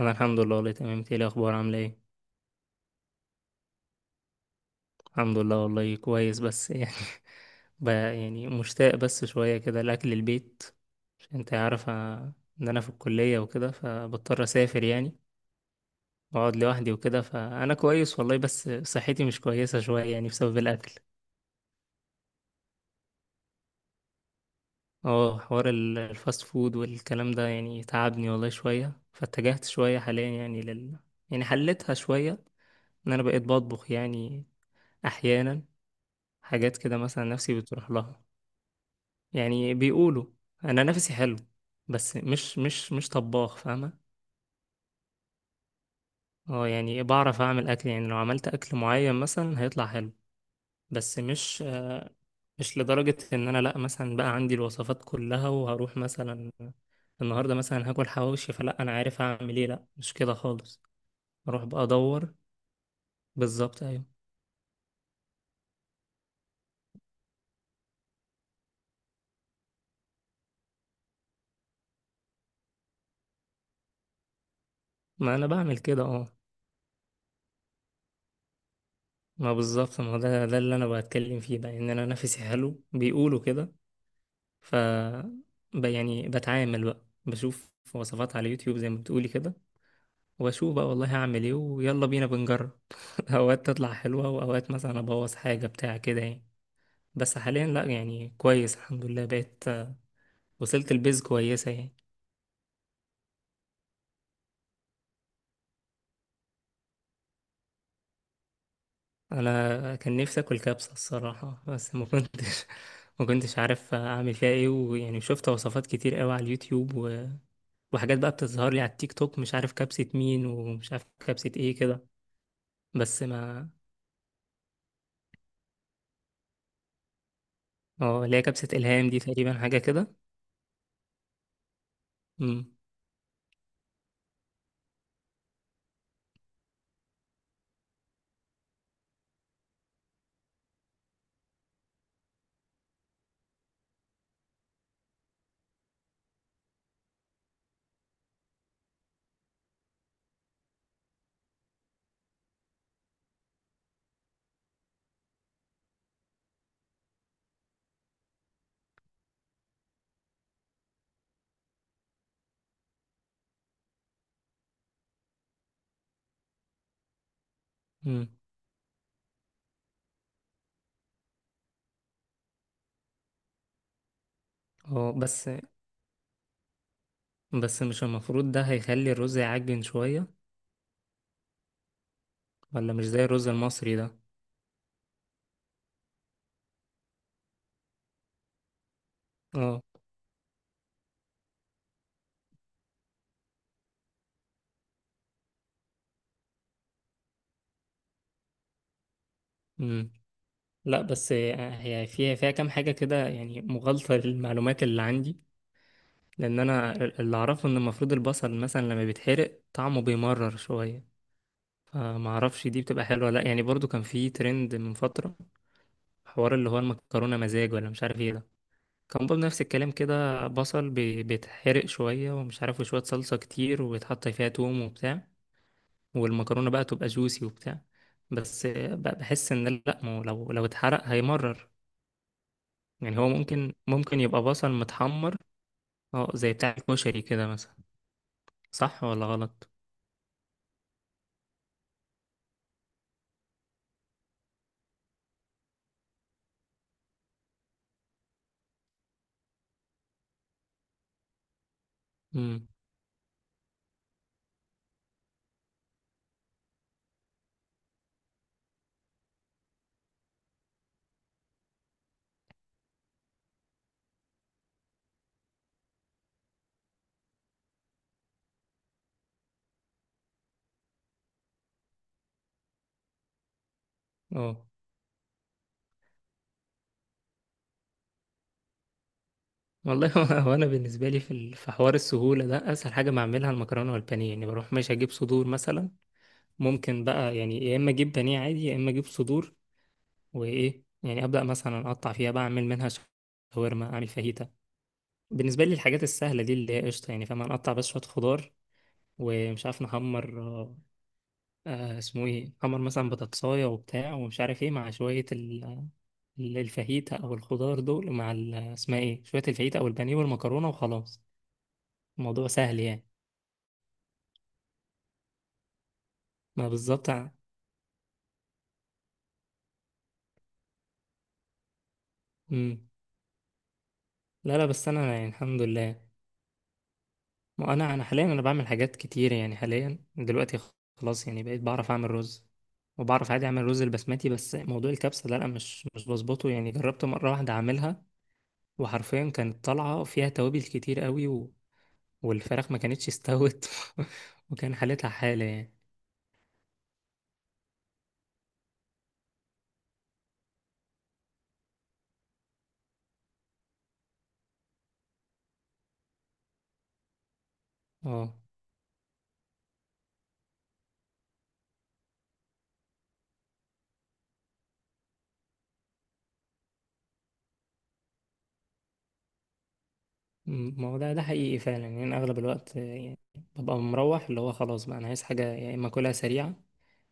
انا الحمد لله والله تمام. إنت ايه الاخبار؟ عامله ايه؟ الحمد لله والله كويس، بس يعني بقى يعني مشتاق بس شويه كده لاكل البيت. عشان انت عارفه ان انا في الكليه وكده، فبضطر اسافر يعني، واقعد لوحدي وكده. فانا كويس والله، بس صحتي مش كويسه شويه يعني بسبب الاكل. اه حوار الفاست فود والكلام ده يعني تعبني والله شويه، فاتجهت شويه حاليا يعني لل، يعني حلتها شويه ان انا بقيت بطبخ يعني، احيانا حاجات كده مثلا نفسي بتروح لها. يعني بيقولوا انا نفسي حلو، بس مش طباخ فاهمه. اه يعني بعرف اعمل اكل، يعني لو عملت اكل معين مثلا هيطلع حلو، بس مش مش لدرجه ان انا لا مثلا بقى عندي الوصفات كلها وهروح مثلا النهارده مثلا هاكل حواوشي، فلا انا عارف اعمل ايه، لا مش كده خالص. اروح بقى ادور. بالظبط ايوه. ما انا بعمل كده اه. ما بالظبط، ما هو ده اللي انا بتكلم فيه بقى، ان انا نفسي حلو بيقولوا كده. ف، يعني بتعامل بقى، بشوف وصفات على يوتيوب زي ما بتقولي كده، واشوف بقى والله هعمل ايه ويلا بينا بنجرب. اوقات تطلع حلوة واوقات مثلا ابوظ حاجة بتاع كده يعني، بس حاليا لا يعني كويس الحمد لله، بقيت وصلت البيز كويسة يعني. انا كان نفسي اكل كبسة الصراحة، بس ما كنتش ما كنتش عارف اعمل فيها ايه، ويعني شفت وصفات كتير قوي على اليوتيوب و... وحاجات بقى بتظهر لي على التيك توك، مش عارف كبسة مين ومش عارف كبسة ايه كده. بس ما، اه اللي هي كبسة إلهام دي تقريبا حاجة كده. امم. امم. اه بس مش المفروض ده هيخلي الرز يعجن شوية؟ ولا مش زي الرز المصري ده؟ اه. امم. لا بس هي فيها كام حاجة كده يعني مغالطة للمعلومات اللي عندي. لأن أنا، اللي أعرفه إن المفروض البصل مثلا لما بيتحرق طعمه بيمرر شوية، فمعرفش دي بتبقى حلوة ولا لأ يعني. برضو كان في ترند من فترة، حوار اللي هو المكرونة مزاج ولا مش عارف ايه ده، كان برضه نفس الكلام كده، بصل بيتحرق شوية ومش عارف، وشوية صلصة كتير ويتحط فيها توم وبتاع، والمكرونة بقى تبقى جوسي وبتاع. بس بحس ان لا، ما هو لو اتحرق هيمرر، يعني هو ممكن يبقى بصل متحمر. اه زي بتاع الكشري كده مثلا. صح ولا غلط؟ امم. اه. والله هو انا بالنسبه لي في في حوار السهوله ده، اسهل حاجه بعملها المكرونه والبانيه، يعني بروح ماشي اجيب صدور مثلا، ممكن بقى يعني يا اما اجيب بانيه عادي يا اما اجيب صدور، وايه يعني ابدا مثلا اقطع فيها بقى اعمل منها شاورما، اعمل فاهيتا. بالنسبه لي الحاجات السهله دي اللي هي قشطه يعني، فاهم، نقطع بس شويه خضار، ومش عارف نحمر اسمه ايه، نحمر مثلا بطاطسايه وبتاع، ومش عارف ايه، مع شويه الفاهيتا او الخضار دول، مع اسمها ايه، شويه الفاهيتا او البانيه والمكرونه وخلاص. الموضوع سهل يعني. ما بالظبط مم. لا لا بس انا يعني الحمد لله، ما انا حاليا انا بعمل حاجات كتير يعني، حاليا دلوقتي خلاص يعني بقيت بعرف اعمل رز، وبعرف عادي اعمل رز البسمتي. بس موضوع الكبسه ده لا، مش بظبطه يعني. جربت مره واحده اعملها، وحرفيا كانت طالعه فيها توابل كتير قوي و... والفراخ ما كانتش استوت. وكان حالتها حاله يعني. اه ما هو ده حقيقي فعلا يعني. انا اغلب الوقت يعني ببقى مروح، اللي هو خلاص بقى انا عايز حاجه يا اما اكلها سريعه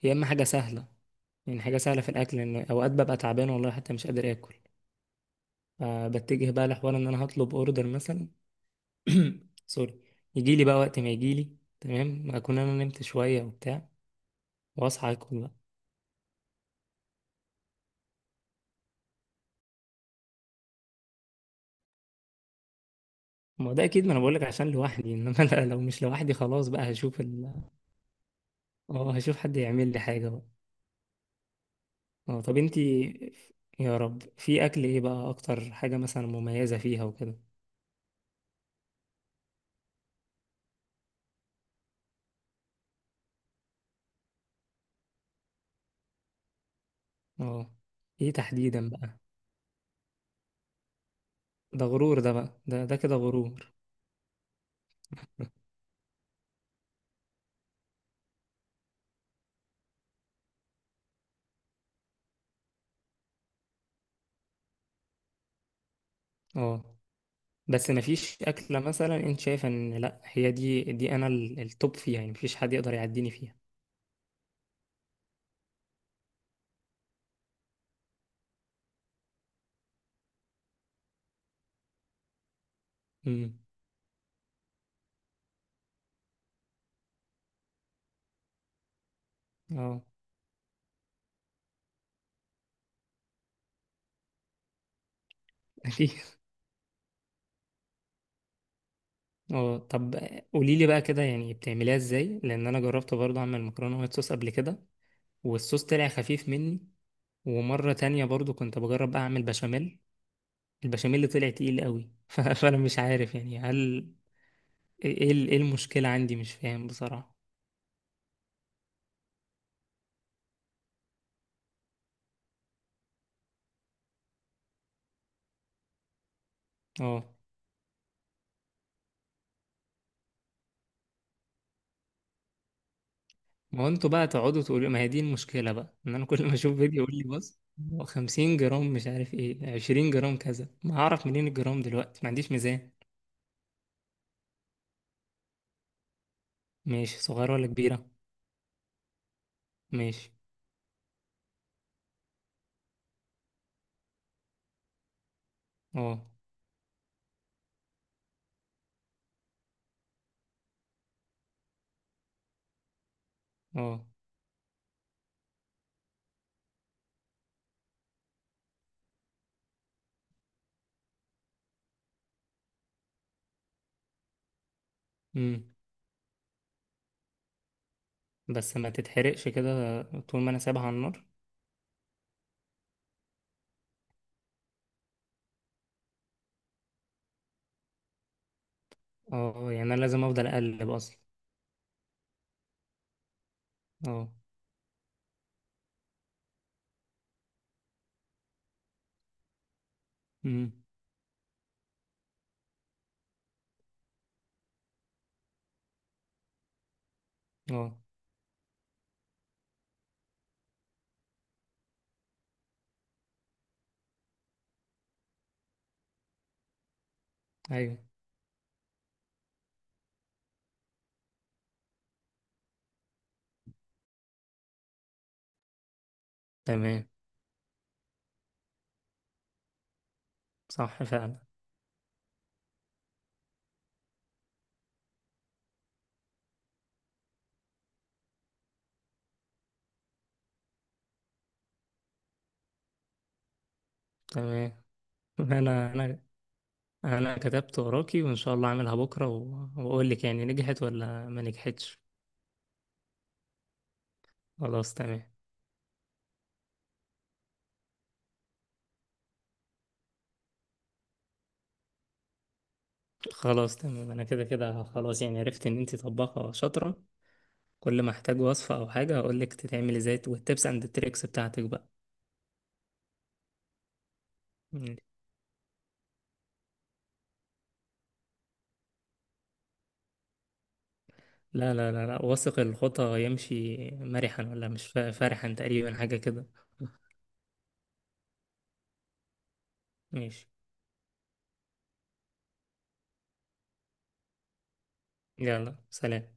يا اما حاجه سهله، يعني حاجه سهله في الاكل، لان اوقات ببقى تعبان والله حتى مش قادر اكل، فبتجه بقى لحوار ان انا هطلب اوردر مثلا. سوري. يجي لي بقى وقت ما يجي لي، تمام، اكون انا نمت شويه وبتاع واصحى اكل بقى. ما هو ده اكيد، ما انا بقول لك عشان لوحدي. انما لا، لو مش لوحدي خلاص بقى هشوف ال... اه هشوف حد يعمل لي حاجه بقى. اه طب انتي، يا رب، في اكل ايه بقى اكتر حاجه مثلا مميزه فيها وكده؟ اه، ايه تحديدا بقى؟ ده غرور ده بقى، ده كده غرور. اه، بس مفيش أكلة مثلا أنت شايفة إن لأ، هي دي أنا التوب فيها يعني، مفيش حد يقدر يعديني فيها؟ امم. اه أكيد. اه طب قولي لي بقى كده يعني بتعمليها إزاي، لأن أنا جربت برضه أعمل مكرونة وايت صوص قبل كده، والصوص طلع خفيف مني، ومرة تانية برضه كنت بجرب أعمل بشاميل، البشاميل اللي طلع تقيل قوي. فأنا مش عارف يعني، هل إيه إيه المشكلة عندي، مش فاهم بصراحة. اه ما هو انتوا بقى تقعدوا تقولوا، ما هي دي المشكلة بقى، ان انا كل ما اشوف فيديو يقول لي بص، هو 50 جرام، مش عارف ايه، 20 جرام كذا، ما هعرف منين الجرام دلوقتي، ما عنديش ميزان. ماشي، صغيرة ولا كبيرة؟ ماشي. اه. اه. امم. بس ما تتحرقش كده طول ما انا سايبها على النار؟ اه يعني انا لازم افضل اقلب اصلا؟ اه. امم. اه. ايوه. تمام. صح فعلا. تمام. انا انا كتبت وراكي، وان شاء الله اعملها بكرة واقول لك يعني نجحت ولا ما نجحتش. خلاص تمام. خلاص تمام، انا كده كده خلاص يعني، عرفت ان انت طباخة شاطرة، كل ما احتاج وصفة او حاجة هقول لك تتعمل ازاي، والتبس اند التريكس بتاعتك بقى. مم. لا لا لا لا، واثق الخطى يمشي مرحا، ولا مش فرحا، تقريبا حاجة كده. ماشي. يلا سلام.